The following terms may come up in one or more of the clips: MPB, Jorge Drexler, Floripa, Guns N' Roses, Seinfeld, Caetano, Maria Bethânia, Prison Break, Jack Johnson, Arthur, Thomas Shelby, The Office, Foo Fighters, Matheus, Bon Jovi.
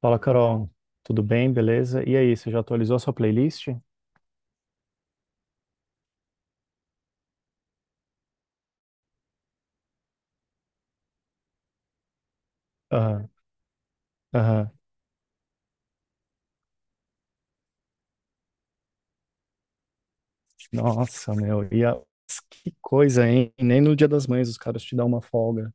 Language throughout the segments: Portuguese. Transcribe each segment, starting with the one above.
Fala, Carol. Tudo bem? Beleza? E aí, você já atualizou a sua playlist? Aham, aham. Nossa, meu. Que coisa, hein? Nem no Dia das Mães os caras te dão uma folga.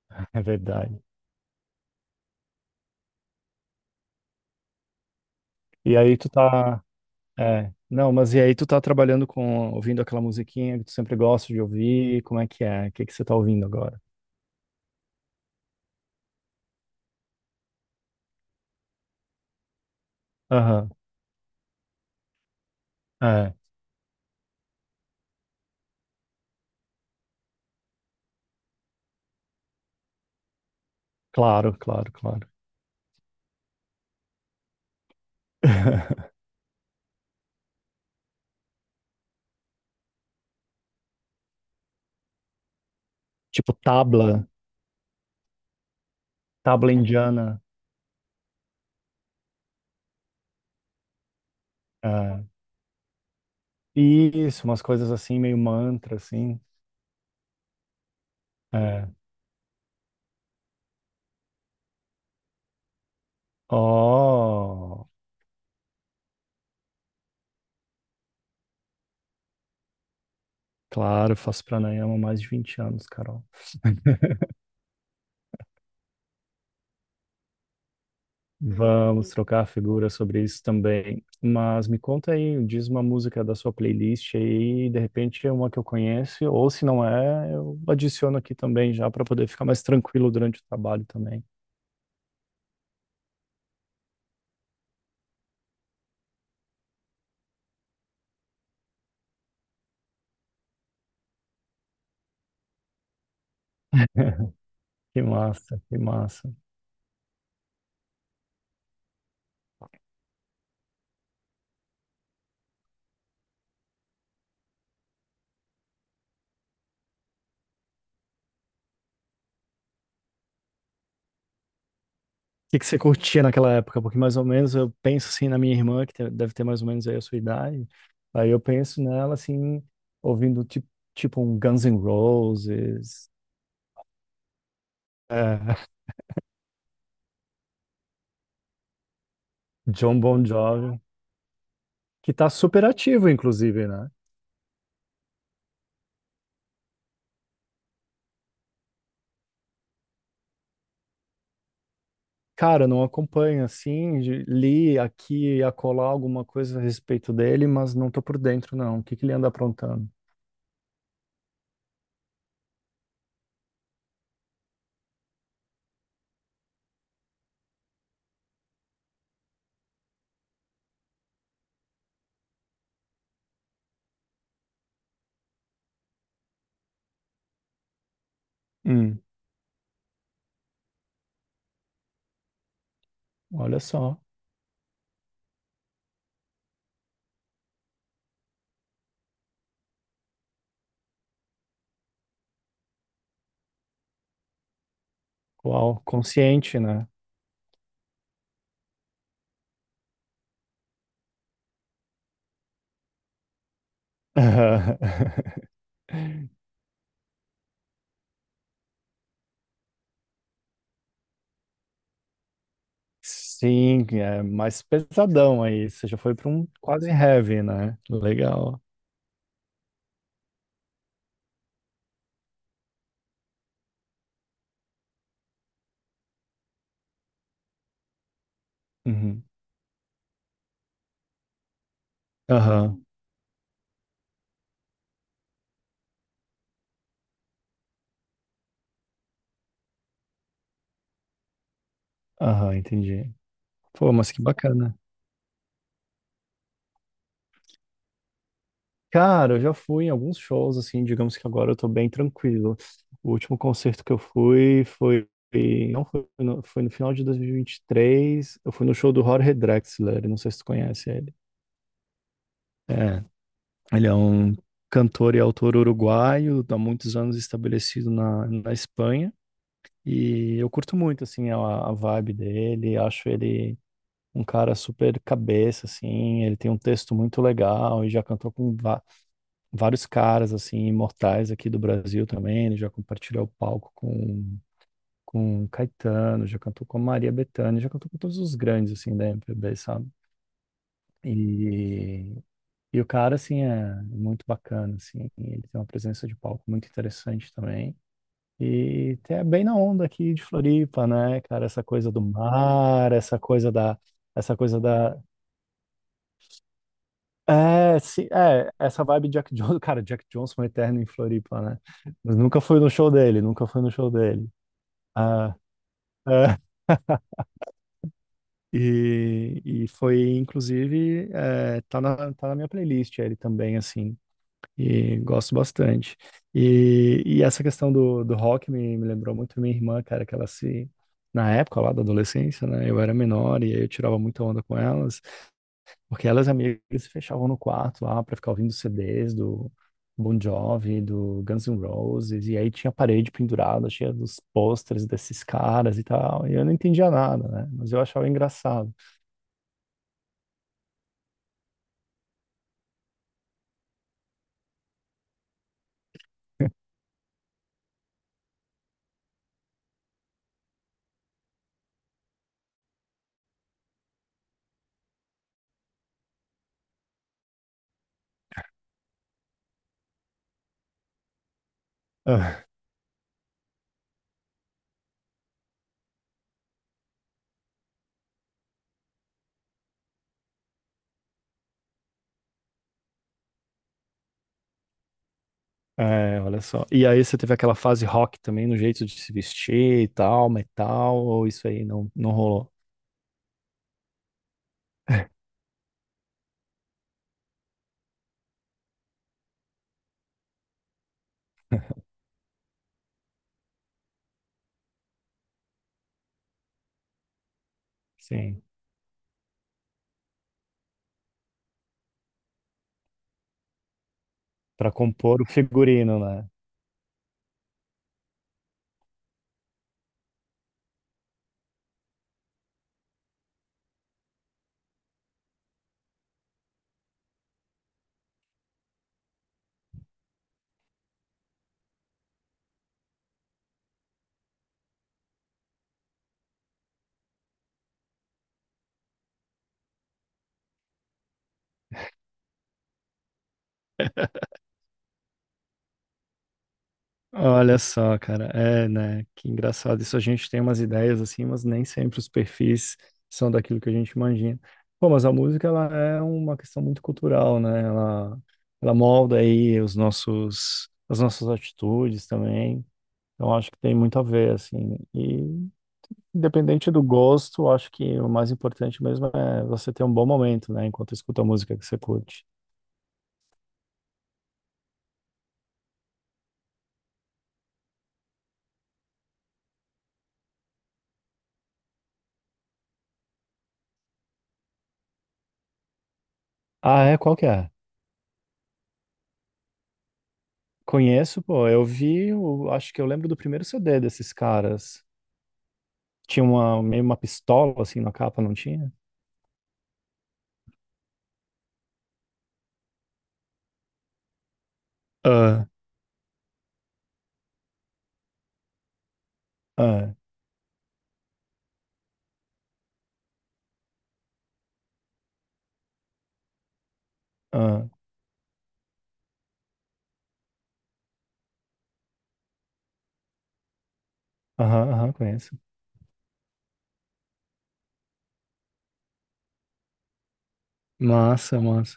É verdade. E aí tu tá... É. Não, mas E aí tu tá trabalhando ouvindo aquela musiquinha que tu sempre gosta de ouvir? Como é que é? O que que você tá ouvindo agora? Aham, é. Claro, claro, claro. Tipo tabla indiana. É. Isso, umas coisas assim, meio mantra, assim. É. Oh, claro, faço pranayama há mais de 20 anos, Carol. Vamos trocar figuras sobre isso também. Mas me conta aí, diz uma música da sua playlist aí, de repente é uma que eu conheço, ou se não é, eu adiciono aqui também já para poder ficar mais tranquilo durante o trabalho também. Que massa, que massa. Que você curtia naquela época? Porque mais ou menos eu penso assim na minha irmã, deve ter mais ou menos aí a sua idade. Aí eu penso nela assim, ouvindo tipo um Guns N' Roses, é, John Bon Jovi, que tá super ativo, inclusive, né? Cara, eu não acompanho assim, li aqui e acolá alguma coisa a respeito dele, mas não tô por dentro, não. O que que ele anda aprontando? Hum, olha só, uau, consciente, né? Sim, é mais pesadão aí. Você já foi para um quase heavy, né? Legal. Uhum. Aham, aham, entendi. Pô, mas que bacana. Cara, eu já fui em alguns shows, assim, digamos que agora eu tô bem tranquilo. O último concerto que eu fui foi. Não foi no, foi no final de 2023. Eu fui no show do Jorge Drexler, não sei se tu conhece ele. É, ele é um cantor e autor uruguaio, há muitos anos estabelecido na Espanha. E eu curto muito, a vibe dele, acho ele um cara super cabeça, assim, ele tem um texto muito legal e já cantou com vários caras, assim, imortais aqui do Brasil também, ele já compartilhou o palco com Caetano, já cantou com a Maria Bethânia, já cantou com todos os grandes, assim, da MPB, sabe? E, e o cara, assim, é muito bacana, assim, ele tem uma presença de palco muito interessante também. E é bem na onda aqui de Floripa, né, cara? Essa coisa do mar, essa coisa da, é, sim, é, essa vibe Jack Johnson, cara, Jack Johnson é eterno em Floripa, né? Mas nunca fui no show dele, nunca fui no show dele. Ah, é. E foi, inclusive, é, tá na minha playlist ele também, assim. E gosto bastante. E essa questão do rock me lembrou muito minha irmã, cara, que ela se. Na época lá da adolescência, né? Eu era menor e aí eu tirava muita onda com elas, porque elas e amigas se fechavam no quarto lá pra ficar ouvindo CDs do Bon Jovi, do Guns N' Roses, e aí tinha a parede pendurada, cheia dos pôsteres desses caras e tal. E eu não entendia nada, né? Mas eu achava engraçado. É, olha só. E aí você teve aquela fase rock também no jeito de se vestir e tal, metal, ou isso aí não, não rolou? Sim, pra compor o figurino, né? Olha só, cara, é, né? Que engraçado. Isso a gente tem umas ideias assim, mas nem sempre os perfis são daquilo que a gente imagina. Pô, mas a música ela é uma questão muito cultural, né? Ela molda aí os nossos, as nossas atitudes também. Então acho que tem muito a ver, assim. E independente do gosto, acho que o mais importante mesmo é você ter um bom momento, né? Enquanto escuta a música que você curte. Ah, é? Qual que é? Conheço, pô. Acho que eu lembro do primeiro CD desses caras. Tinha uma, meio uma pistola, assim, na capa, não tinha? Ah, Ah, ah, aham, aham, conheço. Massa, massa.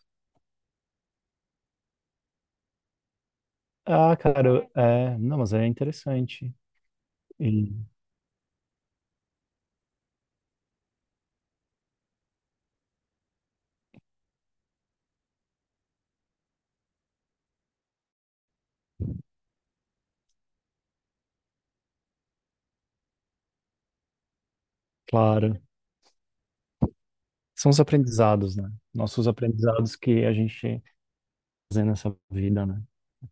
Ah, cara, eu- é, não, mas é interessante. E, claro, são os aprendizados, né? Nossos aprendizados que a gente fazendo nessa vida, né?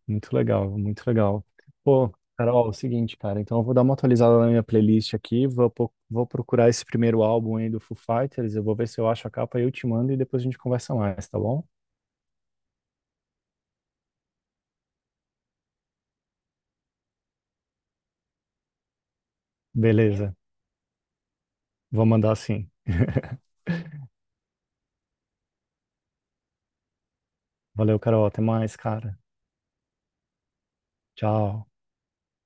Muito legal, muito legal. Pô, Carol, é o seguinte, cara, então eu vou dar uma atualizada na minha playlist aqui, vou procurar esse primeiro álbum aí do Foo Fighters, eu vou ver se eu acho a capa e eu te mando e depois a gente conversa mais, tá bom? Beleza, vou mandar sim. Valeu, Carol, até mais, cara. Tchau.